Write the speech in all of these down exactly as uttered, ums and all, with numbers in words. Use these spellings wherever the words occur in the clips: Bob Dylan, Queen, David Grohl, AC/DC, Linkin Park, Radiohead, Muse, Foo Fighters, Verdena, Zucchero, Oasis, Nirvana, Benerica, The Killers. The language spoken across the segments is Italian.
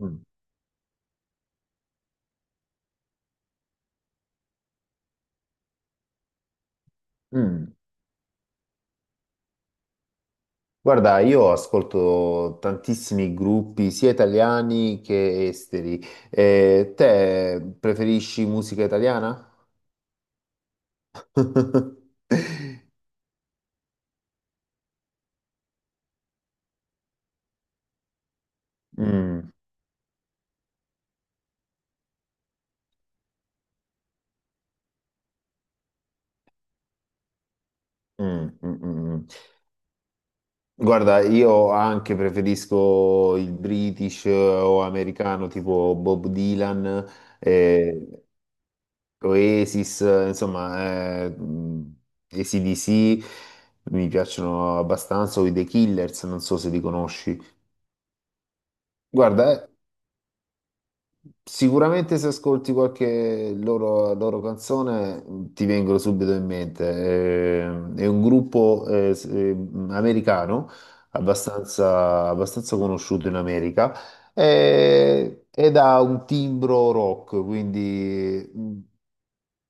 Mm. Mm. Guarda, io ascolto tantissimi gruppi, sia italiani che esteri. Eh, te preferisci musica italiana? Mm, mm, mm, mm. Guarda, io anche preferisco il British eh, o americano, tipo Bob Dylan, eh, Oasis, eh, insomma, eh, mm, A C/D C mi piacciono abbastanza, o i The Killers, non so se li conosci. Guarda, eh, sicuramente se ascolti qualche loro, loro canzone mh, ti vengono subito in mente. Eh, È, un gruppo eh, s- eh, mh, americano abbastanza, abbastanza conosciuto in America eh, ed ha un timbro rock, quindi mh,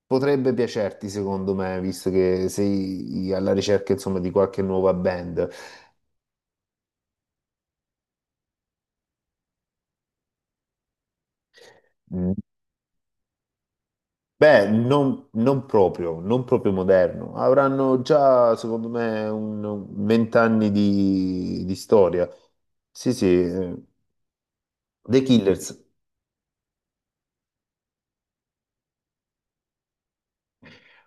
potrebbe piacerti secondo me, visto che sei alla ricerca insomma, di qualche nuova band. Beh, non, non proprio, non proprio moderno. Avranno già, secondo me, un vent'anni di, di storia. Sì, sì, eh, The Killers.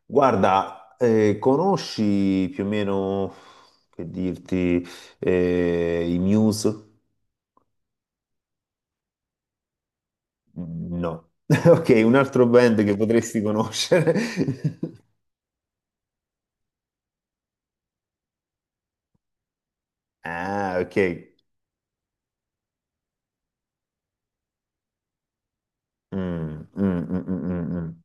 Guarda, eh, conosci più o meno, che dirti, eh, i Muse? No. Ok, un altro band che potresti conoscere. Ah, ok. Mm, mm, mm, mm, mm, mm.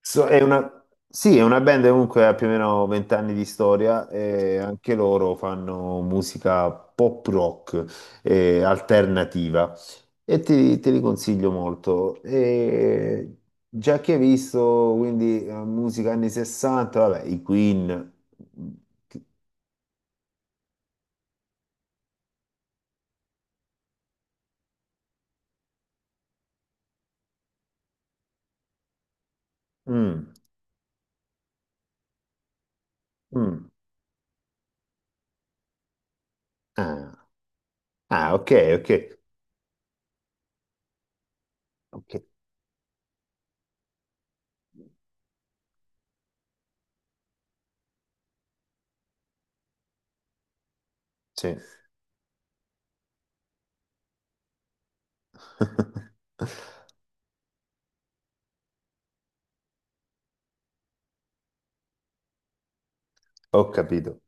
So- è una, sì, è una band che comunque ha più o meno vent'anni di storia e anche loro fanno musica pop rock eh, alternativa e ti- te li consiglio molto. E già che hai visto quindi eh, musica anni sessanta, vabbè, i Queen. Mm, mm, ah, ah, ok, ok, ok, sì. Ho capito.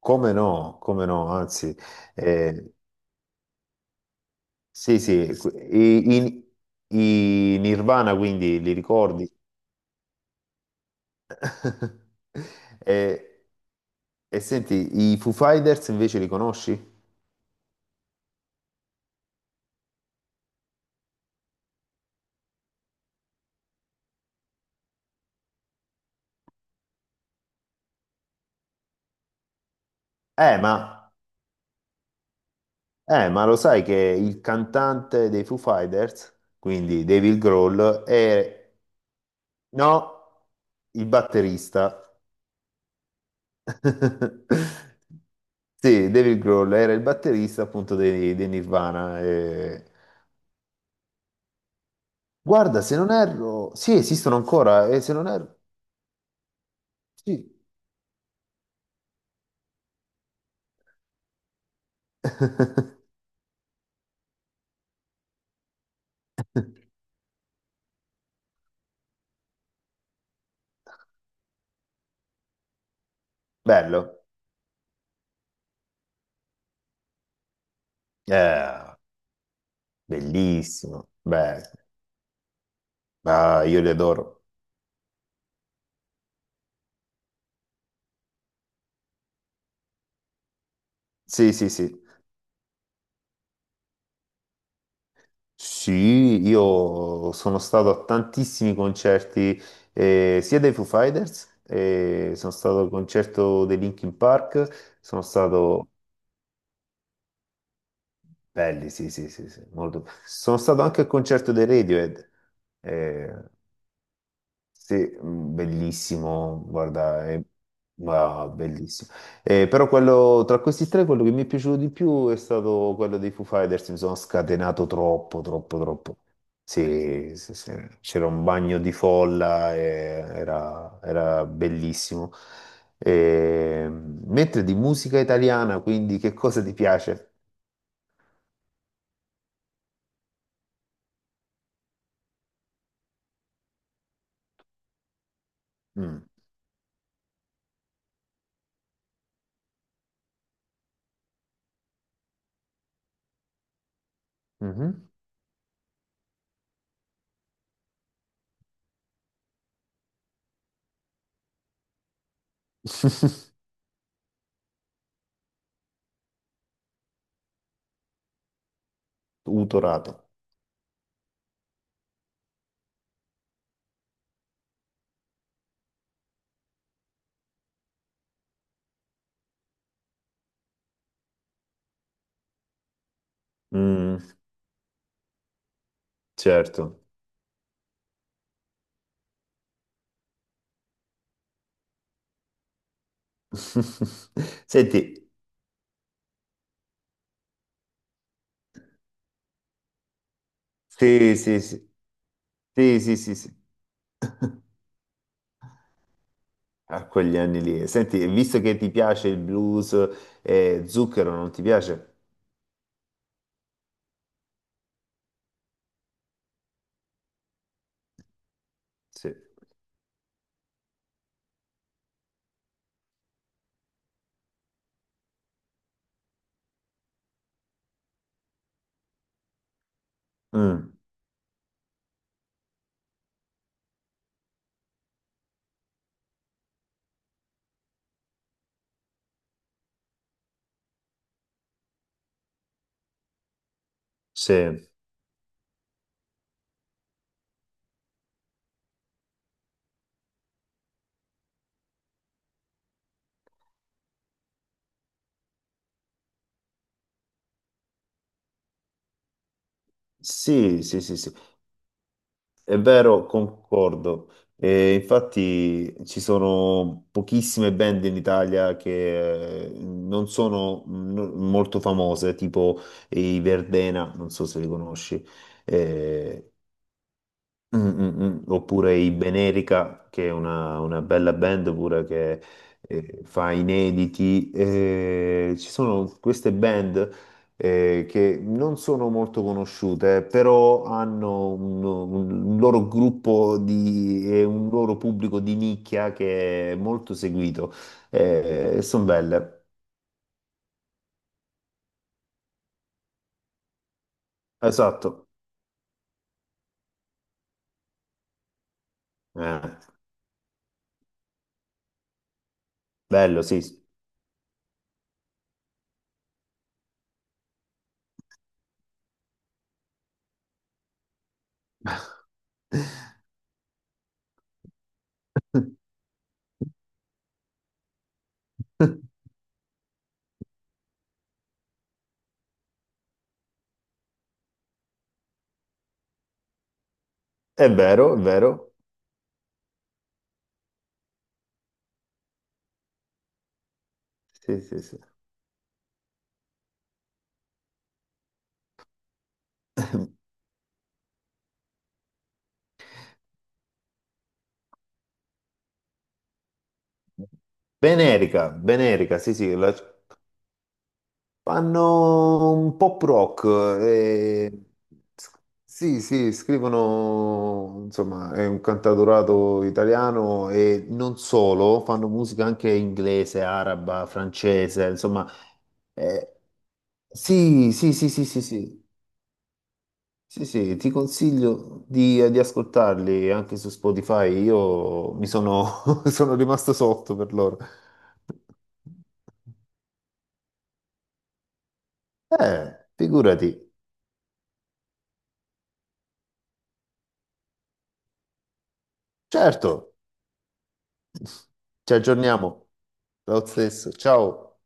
Come no, come no, anzi. eh, Sì, sì, que- i, i- i Nirvana quindi li ricordi? E, e senti, i Foo Fighters invece li conosci? Eh, ma, eh, ma lo sai che il cantante dei Foo Fighters, quindi David Grohl, è... No, il batterista. Sì, David Grohl era il batterista appunto dei, dei Nirvana. e- Guarda, se non erro... Sì, esistono ancora, e se non erro... Sì. Bello. Eh, Bellissimo, beh, ah, io li adoro. Sì, sì, sì. Sì, io sono stato a tantissimi concerti, eh, sia dei Foo Fighters, eh, sono stato al concerto dei Linkin Park, sono stato... Belli, sì, sì, sì, sì, molto. Sono stato anche al concerto dei Radiohead. eh, Sì, mm, bellissimo, guarda, è ma bellissimo. Eh, però quello, tra questi tre, quello che mi è piaciuto di più è stato quello dei Foo Fighters, mi sono scatenato troppo, troppo, troppo. Sì, sì, sì, c'era un bagno di folla, e era, era bellissimo. Eh, mentre di musica italiana, quindi che cosa ti piace? Mm. Mhm. Utorato. Mm, certo. Senti, sì, sì, sì, sì, sì, sì, sì, a quegli anni lì. Senti, e visto che ti piace il blues, eh, Zucchero non ti piace? Sì. Mm, sì, sì, sì, sì, sì. È vero, concordo. E infatti ci sono pochissime band in Italia che eh, non sono mm, molto famose, tipo i Verdena, non so se li conosci. Eh, Mm, mm, mm. Oppure i Benerica, che è una, una bella band pure che eh, fa inediti. Eh, ci sono queste band eh, che non sono molto conosciute, però hanno un, un loro gruppo di, e un loro pubblico di nicchia che è molto seguito. Eh, sono belle. Esatto. Eh, bello, sì. È vero, è vero. Sì, sì, sì. Benerica, Benerica, sì, sì, la- fanno un pop rock, eh, sì, sì, scrivono, insomma, è un cantautorato italiano e non solo, fanno musica anche inglese, araba, francese, insomma, eh, sì, sì, sì, sì, sì, sì. Sì, sì, ti consiglio di, di ascoltarli anche su Spotify. Io mi sono, sono rimasto sotto per loro. Eh, figurati. Certo. Ci aggiorniamo. Lo stesso. Ciao.